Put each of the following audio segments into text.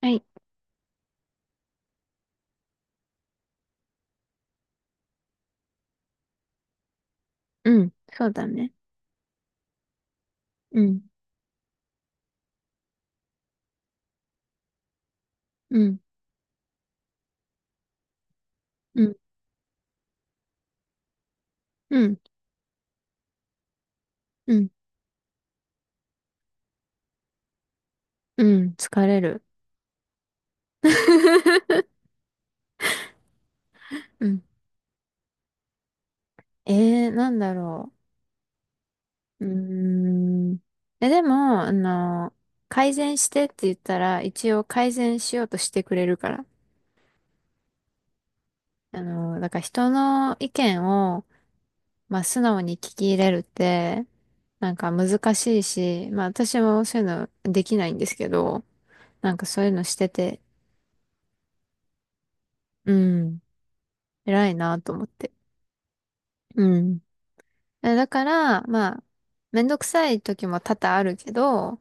はい。うん。そうだね。うん。うん。うん。うん。うん。うん。疲れる。うん。なんだろう。うーん。え、でも、改善してって言ったら、一応改善しようとしてくれるから。だから人の意見を、まあ、素直に聞き入れるって、なんか難しいし、まあ、私もそういうのできないんですけど、なんかそういうのしてて、うん、偉いなと思って。うん。だから、まあ、めんどくさい時も多々あるけど、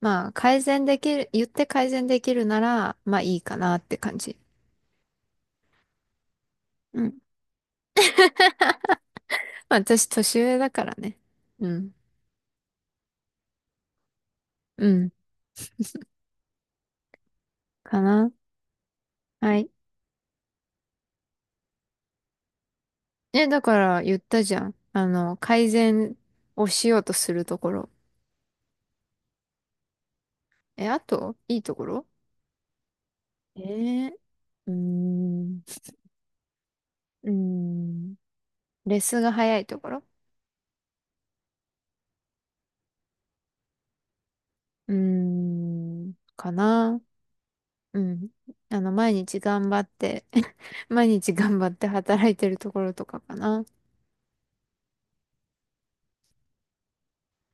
まあ、改善できる、言って改善できるなら、まあいいかなって感じ。うん。まあ、私、年上だからね。うん。うん。かな。はい。だから言ったじゃん。改善をしようとするところ。あと、いいところ？えー、うーん、うーん、レスが早いところ。うーん、かな。うん。毎日頑張って 毎日頑張って働いてるところとかかな。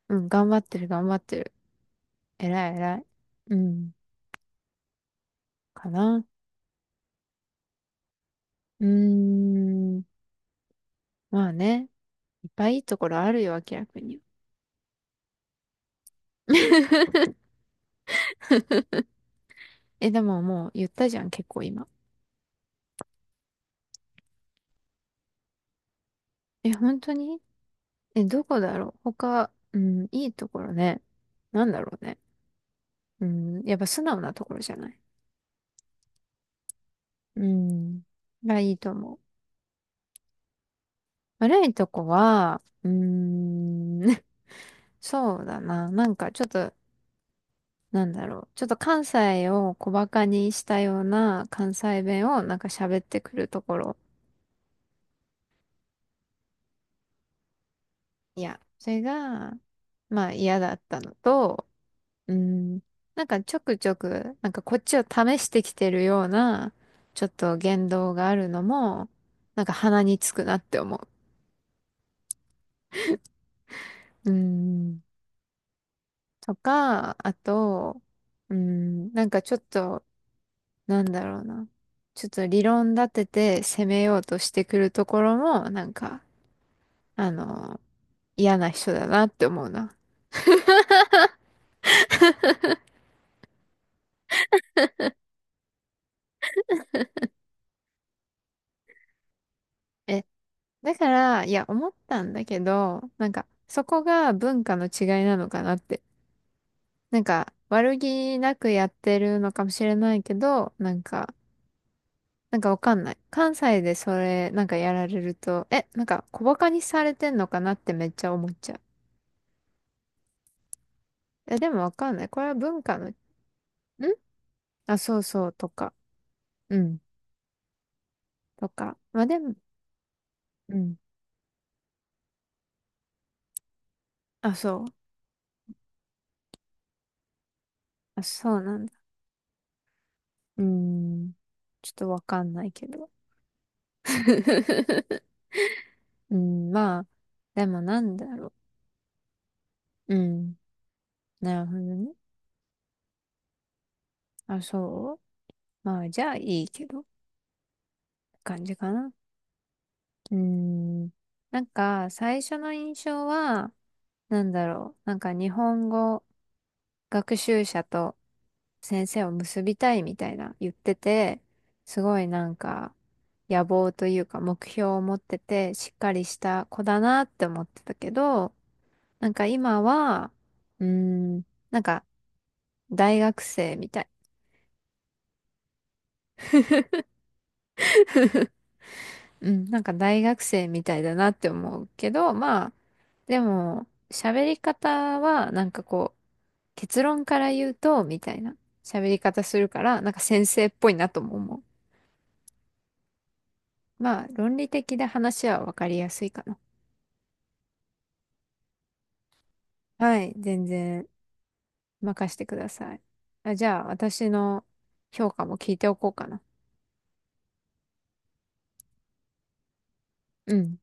うん、頑張ってる、頑張ってる。偉い、偉い。うん、かな。うーん、まあね。いっぱいいいところあるよ、明らかに。でももう言ったじゃん、結構今。本当に？どこだろう他、うん、いいところね。なんだろうね。うん、やっぱ素直なところじゃない？うん、がいいと思う。悪いとこは、うーん そうだな。なんかちょっと、なんだろう。ちょっと関西を小馬鹿にしたような関西弁をなんか喋ってくるところ。いや、それが、まあ嫌だったのと、うん、なんかちょくちょく、なんかこっちを試してきてるような、ちょっと言動があるのも、なんか鼻につくなって思う。うん、とか、あと、うん、なんかちょっと、なんだろうな。ちょっと理論立てて攻めようとしてくるところも、なんか、あの、嫌な人だなって思うな。え、だから、いや、思ったんだけど、なんか、そこが文化の違いなのかなって。なんか、悪気なくやってるのかもしれないけど、なんか、わかんない。関西でそれ、なんかやられると、なんか小バカにされてんのかなってめっちゃ思っちゃう。でもわかんない。これは文化の、あ、そうそうとか。うんとか。まあでも、うん。あ、そう。あ、そうなんだ。うーん。ちょっとわかんないけど。うん、まあ、でもなんだろう。うん。なるほどね。あ、そう。まあ、じゃあいいけど、感じかな。うーん。なんか、最初の印象は、なんだろう。なんか日本語学習者と先生を結びたいみたいな言ってて、すごいなんか野望というか目標を持っててしっかりした子だなって思ってたけど、なんか今は、うーん、なんか大学生みたい。うん、なんか大学生みたいだなって思うけど、まあ、でも喋り方はなんかこう、結論から言うと、みたいな喋り方するから、なんか先生っぽいなとも思う。まあ、論理的で話は分かりやすいかな。はい、全然。任せてください。あ、じゃあ、私の評価も聞いておこうかな。うん。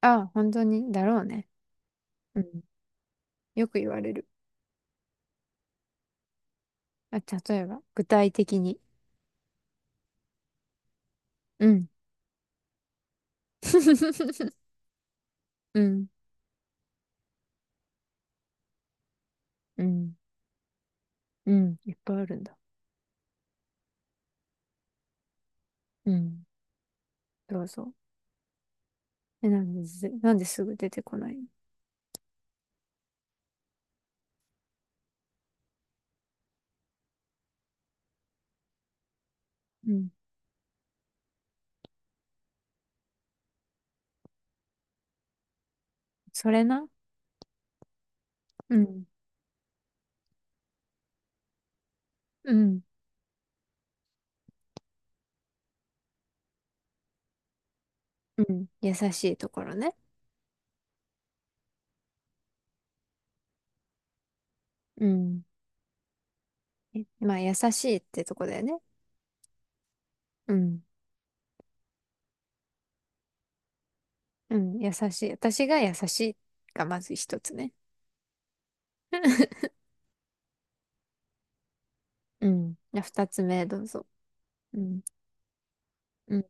あ、本当に、だろうね。うん。よく言われる。あ、例えば、具体的に。うん。うん。うん。うん。いっぱいあるんだ。うん。どうぞ。なんでず、なんですぐ出てこないの？うん。それな。うん。うん。うん。優しいところね。うん。まあ、優しいってとこだよね。うん。うん。優しい。私が優しいがまず一つね。うん。じゃあ二つ目、どうぞ。うん。うん。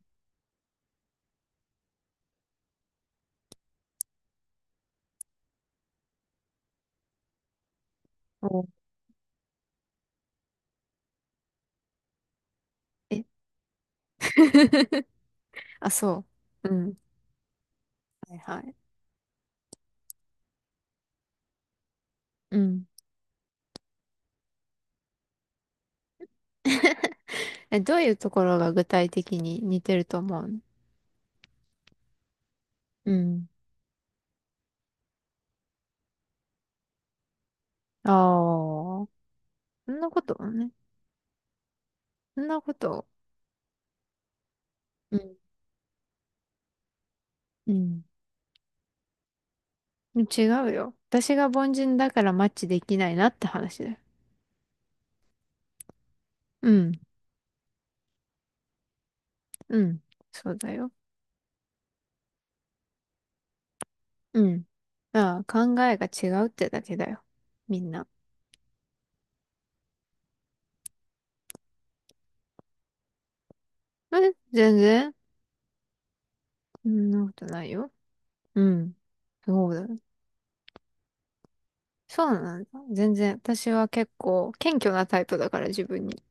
お、え あ、そう。うん。はいはい。うん。どういうところが具体的に似てると思うの？うん。ああ、そんなことね。そんなこと。うん。うん。違うよ。私が凡人だからマッチできないなって話だよ。うん。うん。そうだよ。うん。ああ、考えが違うってだけだよ。みんな。全然そんなことないよ。うん。そうだ。そうなんだ。全然。私は結構謙虚なタイプだから自分に。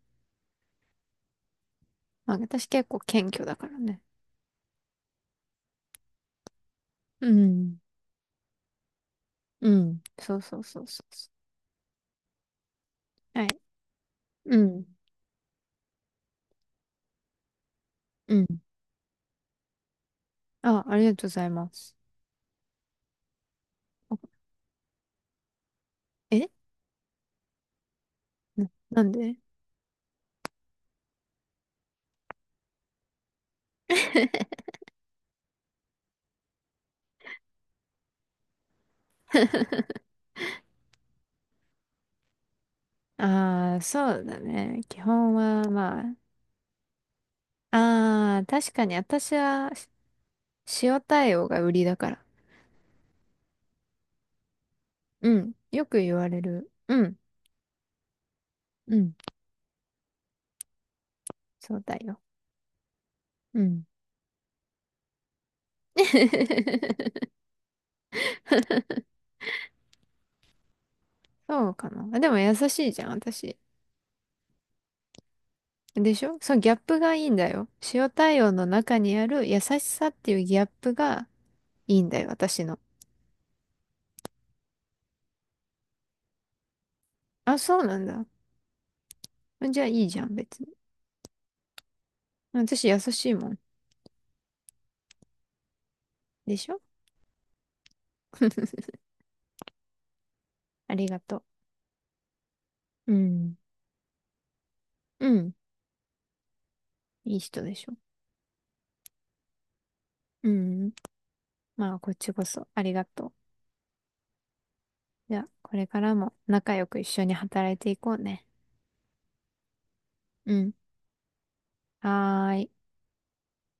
まあ私結構謙虚だからね。うん。うん。そうそうそうそうそう。はい。うん。うん。あ、ありがとうございます。あえな、なんで？ ああ、そうだね。基本は、まあ。ああ、確かに私は、塩対応が売りだから。うん。よく言われる。うん。うん。そうだよ。うん。そうかな。あでも優しいじゃん、私。でしょ？そのギャップがいいんだよ。塩対応の中にある優しさっていうギャップがいいんだよ、私の。あ、そうなんだ。じゃあいいじゃん、別に。私優しいもん。でしょ？ ありがとう。うん。うん。いい人でしょ。うん。まあ、こっちこそありがとう。じゃあ、これからも仲良く一緒に働いていこうね。うん。はーい。